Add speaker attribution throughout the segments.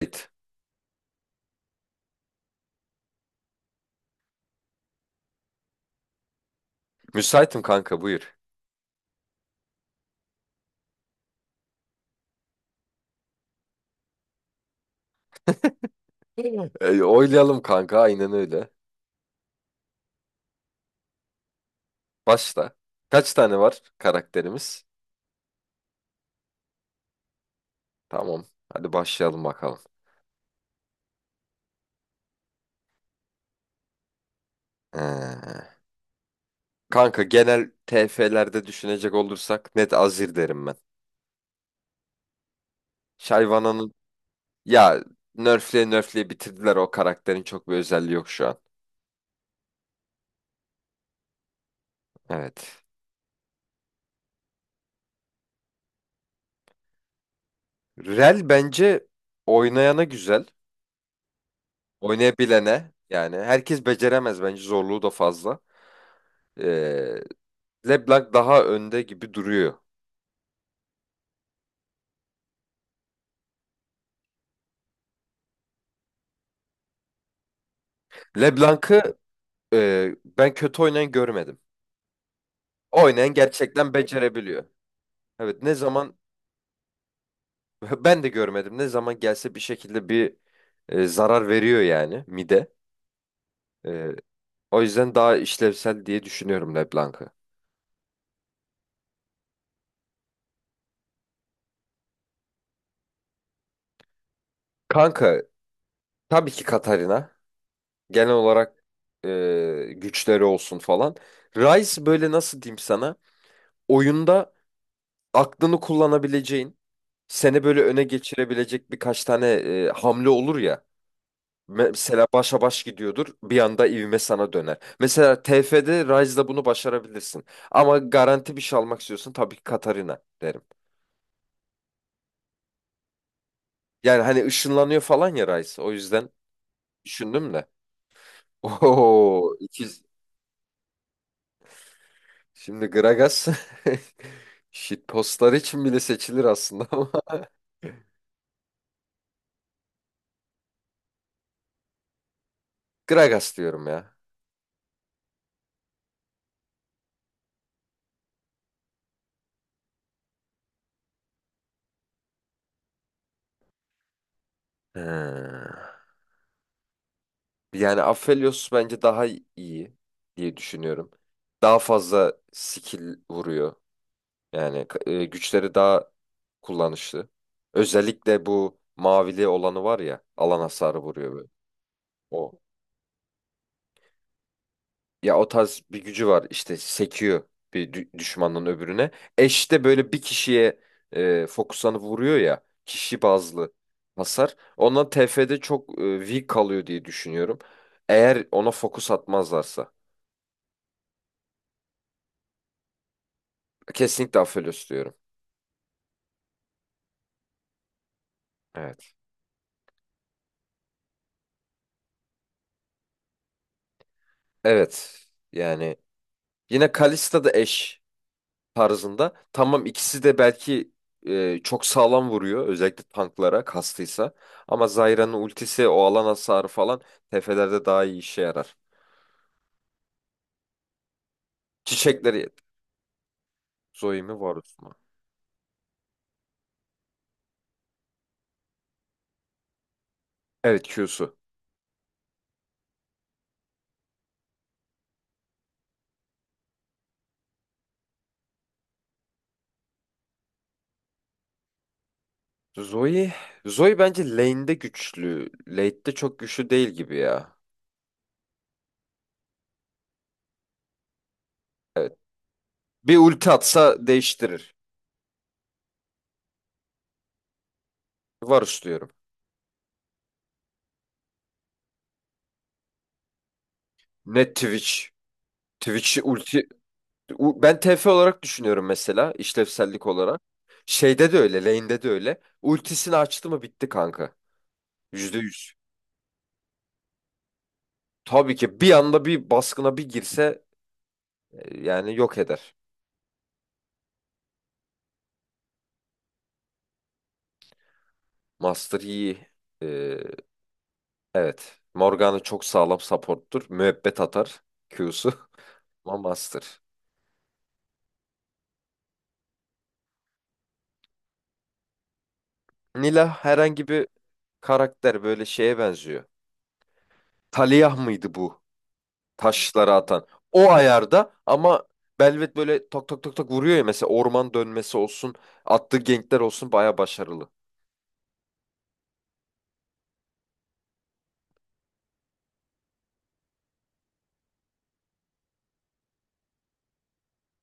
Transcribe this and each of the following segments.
Speaker 1: Müsait. Müsaitim kanka, buyur. Hı. Oylayalım kanka, aynen öyle. Başla. Kaç tane var karakterimiz? Tamam. Hadi başlayalım bakalım. Ee, Kanka genel TF'lerde düşünecek olursak net Azir derim ben. Shyvana'nın ya nerfleye nerfleye bitirdiler, o karakterin çok bir özelliği yok şu an. Evet. Rel bence oynayana güzel. Oynayabilene yani, herkes beceremez, bence zorluğu da fazla. Ee, LeBlanc daha önde gibi duruyor. LeBlanc'ı ben kötü oynayan görmedim. Oynayan gerçekten becerebiliyor. Evet, ne zaman ben de görmedim. Ne zaman gelse bir şekilde bir zarar veriyor yani mide. E, O yüzden daha işlevsel diye düşünüyorum LeBlanc'ı. Kanka tabii ki Katarina, genel olarak e, güçleri olsun falan. Rice böyle, nasıl diyeyim sana, oyunda aklını kullanabileceğin, seni böyle öne geçirebilecek birkaç tane hamle olur ya. Mesela başa baş gidiyordur, bir anda ivme sana döner. Mesela TF'de Rise'da bunu başarabilirsin. Ama garanti bir şey almak istiyorsun, tabii ki Katarina derim. Yani hani ışınlanıyor falan ya Rise. O yüzden düşündüm de. Oho, ikiz. Şimdi Gragas shitpostlar için bile seçilir aslında ama Gragas diyorum ya. He. Yani Aphelios bence daha iyi diye düşünüyorum. Daha fazla skill vuruyor. Yani güçleri daha kullanışlı. Özellikle bu mavili olanı var ya, alan hasarı vuruyor böyle. O. Ya o tarz bir gücü var, işte sekiyor bir düşmanın öbürüne. Eş de böyle bir kişiye fokuslanıp vuruyor ya, kişi bazlı hasar. Ondan TF'de çok weak kalıyor diye düşünüyorum. Eğer ona fokus atmazlarsa. Kesinlikle Aphelios diyorum. Evet. Evet. Yani yine Kalista da eş tarzında. Tamam, ikisi de belki çok sağlam vuruyor. Özellikle tanklara kastıysa. Ama Zyra'nın ultisi, o alan hasarı falan tefelerde daha iyi işe yarar. Çiçekleri Zoe mi Varus mu? Evet Q'su. Zoe, Zoe bence lane'de güçlü. Late'de çok güçlü değil gibi ya. Evet. Bir ulti atsa değiştirir. Varus diyorum. Net Twitch. Twitch'i ulti Ben TF olarak düşünüyorum mesela, işlevsellik olarak. Şeyde de öyle, lane'de de öyle. Ultisini açtı mı bitti kanka. Yüzde yüz. Tabii ki bir anda bir baskına bir girse yani yok eder. Master iyi. Ee, evet. Morgana çok sağlam support'tur. Müebbet atar Q'su. Ama Master. Nila herhangi bir karakter, böyle şeye benziyor. Taliyah mıydı bu? Taşları atan. O ayarda ama Belvet böyle tak tak tak tak vuruyor ya, mesela orman dönmesi olsun, attığı gankler olsun baya başarılı.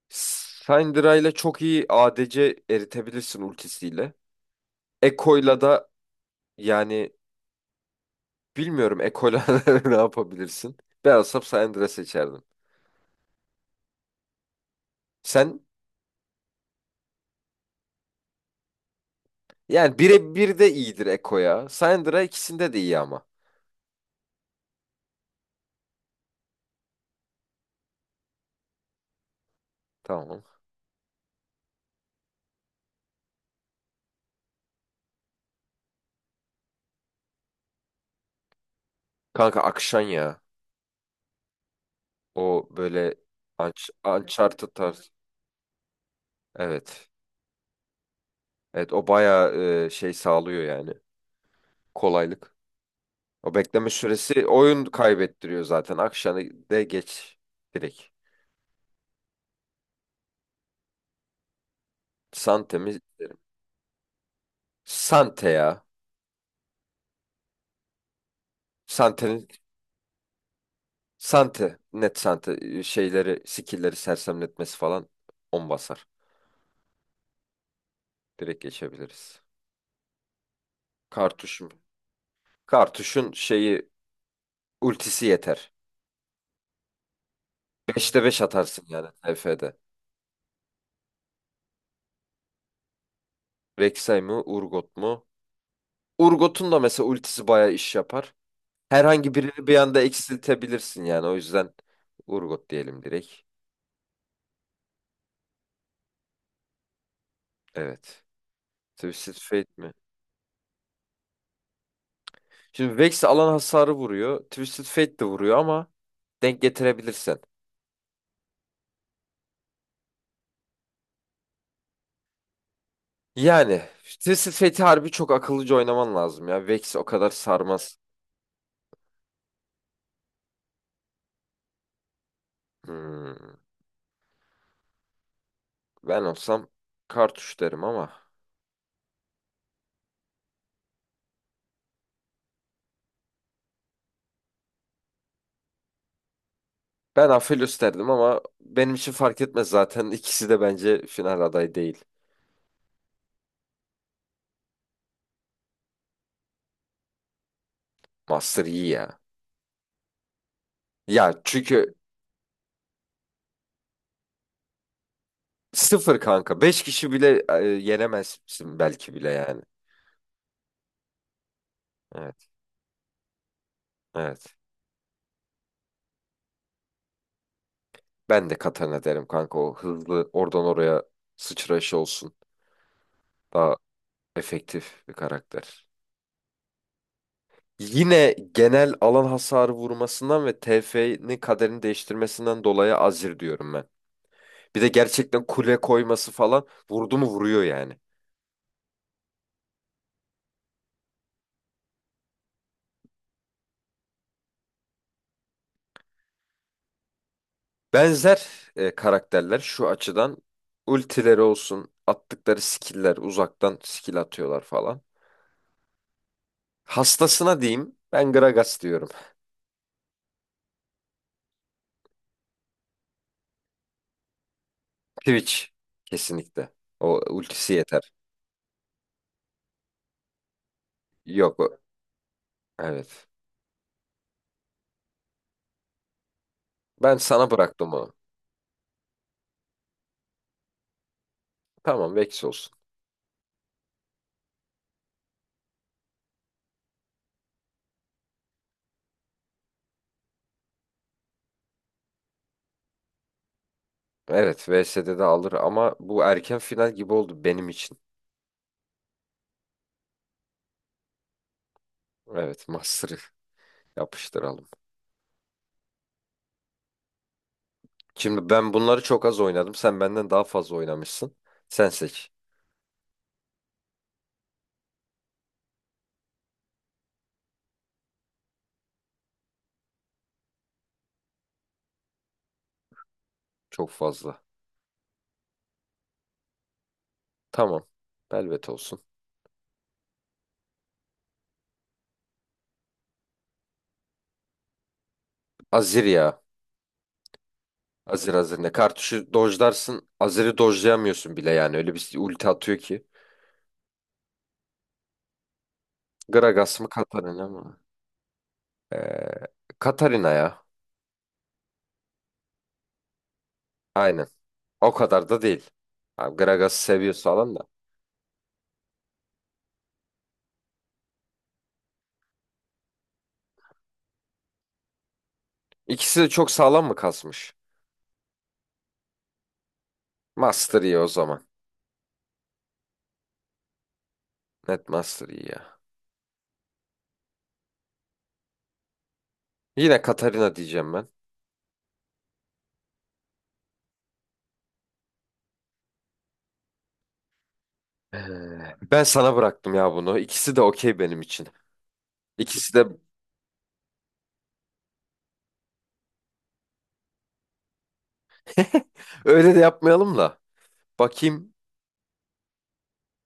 Speaker 1: Syndra ile çok iyi ADC eritebilirsin ultisiyle. Ekko'yla da, yani bilmiyorum Ekko'yla ne yapabilirsin. Ben olsam Syndra seçerdim. Sen, yani birebir de iyidir Ekko ya. Syndra ikisinde de iyi ama. Tamam. Kanka Akşan ya. O böyle Unch- Uncharted tarz. Evet. Evet o bayağı şey sağlıyor yani. Kolaylık. O bekleme süresi oyun kaybettiriyor zaten. Akşamı de geç direkt. Sante mi derim. Sante ya. Sante'nin Sante. Net Sante. Şeyleri, skill'leri sersemletmesi falan on basar. Direkt geçebiliriz. Kartuşum. Kartuşun şeyi ultisi yeter. 5'te 5 atarsın yani TF'de. Rek'Sai mi? Urgot mu? Urgot'un da mesela ultisi bayağı iş yapar. Herhangi birini bir anda eksiltebilirsin yani. O yüzden Urgot diyelim direkt. Evet. Twisted Fate mi? Şimdi Vex alan hasarı vuruyor. Twisted Fate de vuruyor ama denk getirebilirsen. Yani Twisted Fate'i harbi çok akıllıca oynaman lazım ya. Vex o kadar sarmaz. Hmm, ben olsam Kartuş derim ama. Ben Aphelios derdim ama benim için fark etmez zaten. İkisi de bence final adayı değil. Master iyi ya. Ya çünkü sıfır kanka. Beş kişi bile yenemezsin belki bile yani. Evet. Evet. Ben de Katana derim kanka. O hızlı oradan oraya sıçrayışı olsun. Daha efektif bir karakter. Yine genel alan hasarı vurmasından ve TF'nin kaderini değiştirmesinden dolayı Azir diyorum ben. Bir de gerçekten kule koyması falan, vurdu mu vuruyor yani. Benzer karakterler şu açıdan, ultileri olsun, attıkları skill'ler, uzaktan skill atıyorlar falan. Hastasına diyeyim. Ben Gragas diyorum. Twitch. Kesinlikle. O ultisi yeter. Yok. Evet. Ben sana bıraktım onu. Tamam Vex olsun. Evet VS'de de alır ama bu erken final gibi oldu benim için. Evet Master'ı yapıştıralım. Şimdi ben bunları çok az oynadım. Sen benden daha fazla oynamışsın. Sen seç. Çok fazla. Tamam. Velvet olsun. Azir ya. Azir Azir ne? Kartuşu dojlarsın. Azir'i dojlayamıyorsun bile yani. Öyle bir ulti atıyor ki. Gragas mı Katarina mı? Ee, Katarina ya. Aynen. O kadar da değil. Abi Gragas'ı seviyoruz falan da. İkisi de çok sağlam mı kasmış? Master iyi o zaman. Net Master iyi ya. Yine Katarina diyeceğim ben. Ee, Ben sana bıraktım ya bunu. İkisi de okey benim için. İkisi de öyle de yapmayalım da. Bakayım.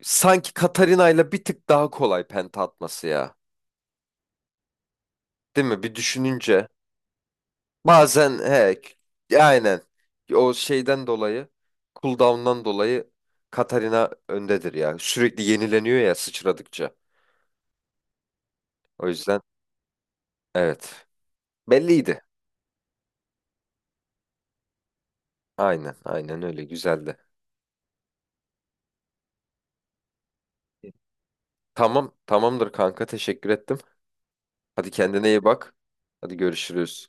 Speaker 1: Sanki Katarina ile bir tık daha kolay penta atması ya. Değil mi? Bir düşününce. Bazen he k- aynen, o şeyden dolayı, cooldown'dan dolayı Katarina öndedir ya. Sürekli yenileniyor ya sıçradıkça. O yüzden evet. Belliydi. Aynen aynen, öyle güzeldi. Tamam tamamdır kanka, teşekkür ettim. Hadi kendine iyi bak. Hadi görüşürüz.